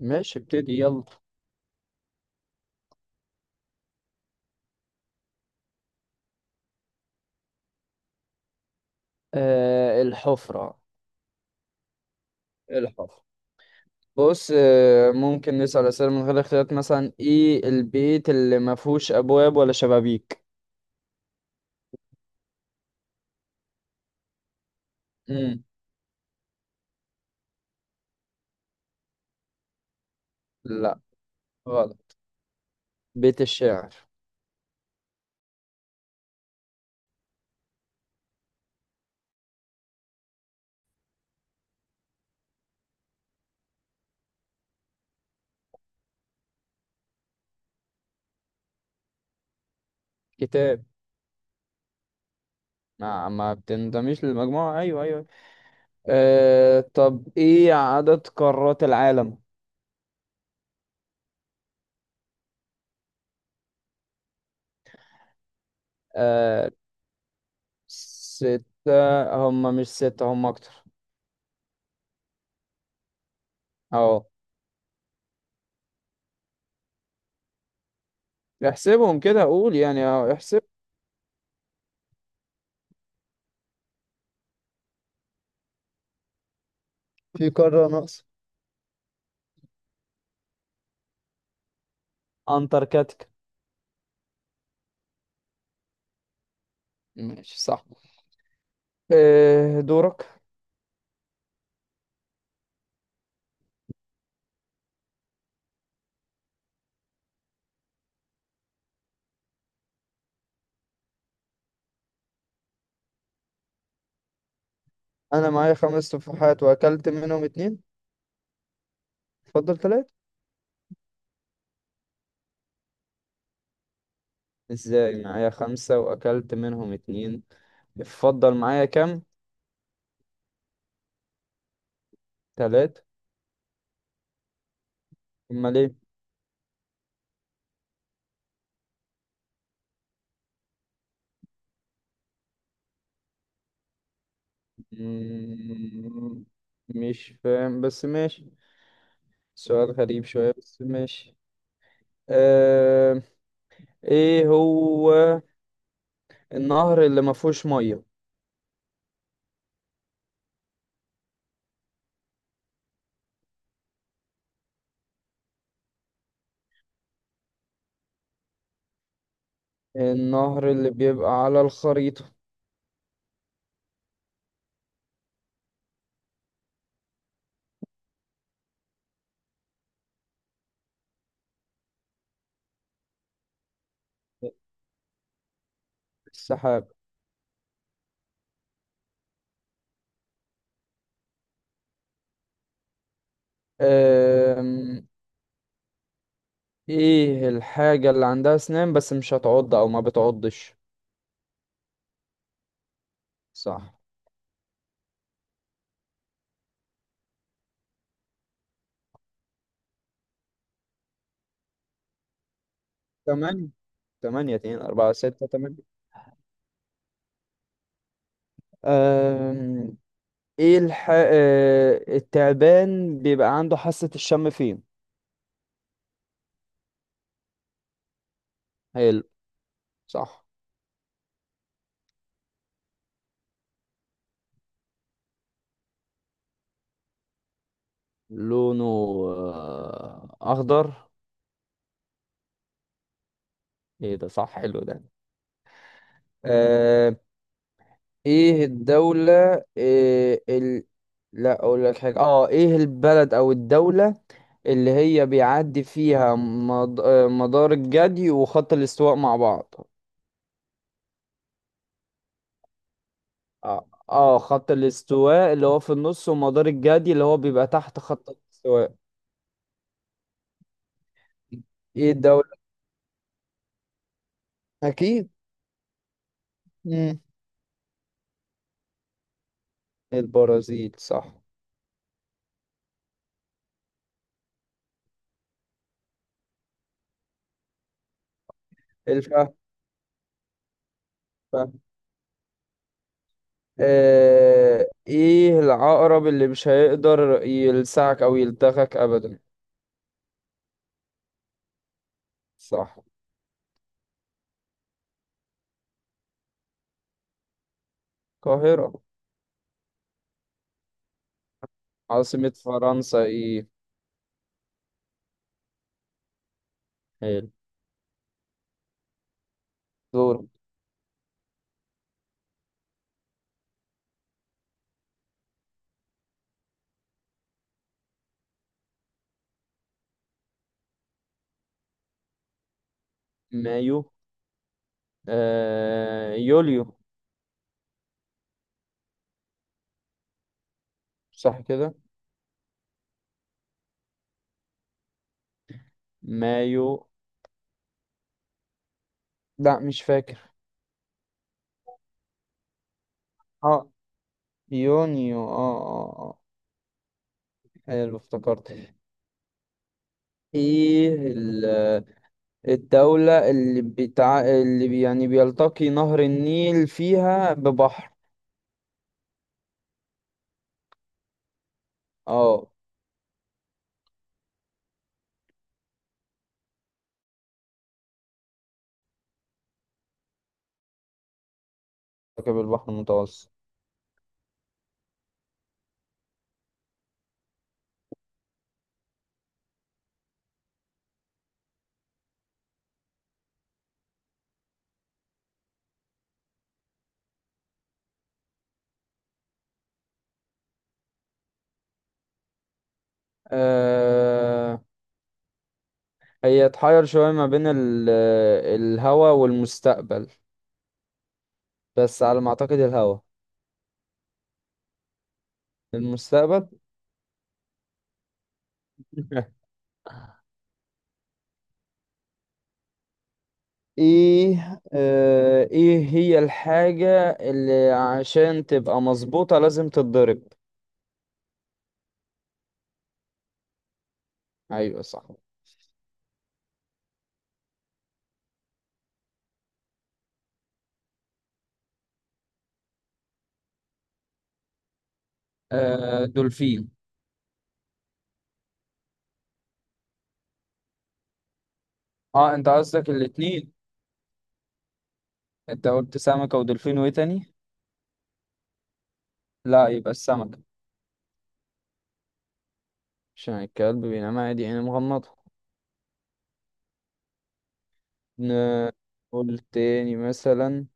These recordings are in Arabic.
ماشي، ابتدي يلا. آه، الحفرة. الحفرة. بص، ممكن نسأل أسئلة من غير اختيارات، مثلا ايه البيت اللي ما فيهوش أبواب ولا شبابيك؟ مم. لا، غلط. بيت الشعر. كتاب. ما بتنضميش للمجموعة، أيوه أيوه. طب، ايه عدد قارات العالم؟ آه ستة، هم مش ستة، هم أكتر. أهو، احسبهم كده أقول يعني، أهو احسب. في قارة ناقصة. أنتاركتيكا. ماشي، صح. إيه دورك؟ انا معايا خمس تفاحات واكلت منهم اتنين. اتفضل، تلاتة. ازاي معايا خمسة واكلت منهم اتنين؟ اتفضل، معايا كام؟ تلاتة. امال ايه؟ مم، مش فاهم بس ماشي. سؤال غريب شوية بس ماشي. أه... ايه هو النهر اللي ما فيهوش مية؟ النهر اللي بيبقى على الخريطة. السحاب. أه... ايه الحاجة اللي عندها اسنان بس مش هتعض او ما بتعضش؟ صح. تمانية. تمانية، اتنين، اربعة، ستة، تمانية. أم... ايه الح... آه، التعبان بيبقى عنده حاسة الشم فين؟ حلو، صح. لونه اخضر. ايه ده؟ صح، حلو ده. ايه الدولة، لا، اقول لك حاجة. اه ايه البلد او الدولة اللي هي بيعدي فيها مد... آه، مدار الجدي وخط الاستواء مع بعض؟ خط الاستواء اللي هو في النص، ومدار الجدي اللي هو بيبقى تحت خط الاستواء. ايه الدولة؟ اكيد. مم. البرازيل، صح. الفهم. فهم. ايه العقرب اللي مش هيقدر يلسعك او يلدغك ابدا؟ صح. القاهرة. عاصمة فرنسا ايه؟ حلو. دور. مايو. يوليو. صح كده. مايو. لا، مش فاكر. اه، يونيو، اه اه اه. حلو، افتكرت. ايه ال- الدولة، اللي بتاع اللي بي- يعني بيلتقي نهر النيل فيها ببحر؟ اه. كتاب البحر المتوسط. آه هي اتحير شوية ما بين الهوا والمستقبل، بس على ما اعتقد الهوا. المستقبل. ايه هي الحاجة اللي عشان تبقى مظبوطة لازم تتضرب؟ ايوه، صح. دولفين. اه، انت قصدك الاتنين. انت قلت سمكة ودولفين وايه تاني؟ لا، يبقى السمكة. عشان الكلب بينام عادي يعني مغمضة. ن- قول تاني مثلا.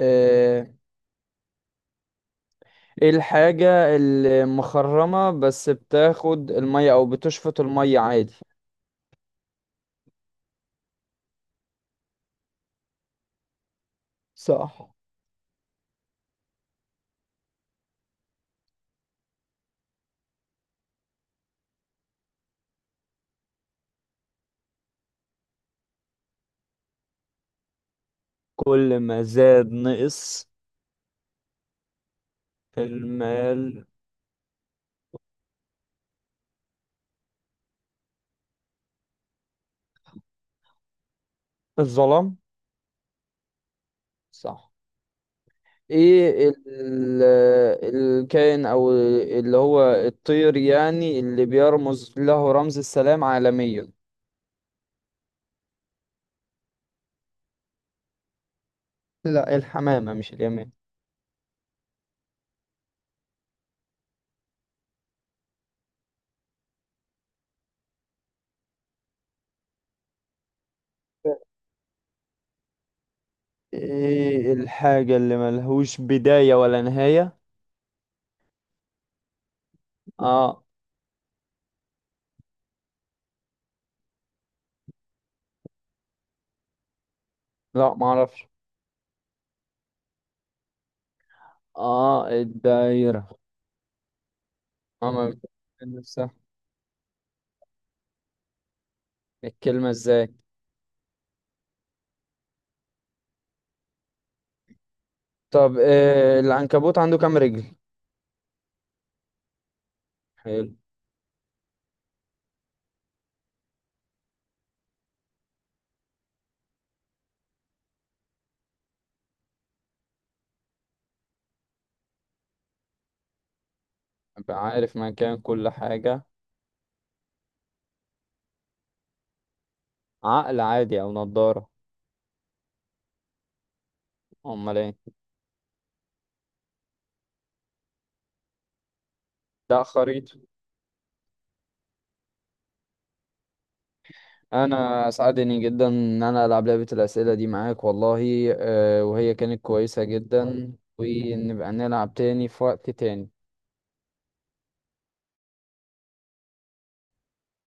آه ايه الحاجة اللي مخرمة بس بتاخد المية او بتشفط المية عادي؟ صح. كل ما زاد نقص، في المال؟ الظلام. صح. ايه ال- الكائن او اللي هو الطير يعني اللي بيرمز له رمز السلام عالميا؟ لا، الحمامة مش اليمين. ايه الحاجة اللي ملهوش بداية ولا نهاية؟ اه. لا، معرفش. اه، الدايرة. اه، ما بتتكلمش صح. الكلمة ازاي؟ طب إيه، العنكبوت عنده كام رجل؟ حلو. ابقى عارف مكان كل حاجة. عقل عادي او نضارة؟ امال ايه؟ لا، خريطة. انا اسعدني جدا ان انا العب لعبة الاسئلة دي معاك والله. وهي كانت كويسة جدا، ونبقى نلعب تاني في وقت تاني.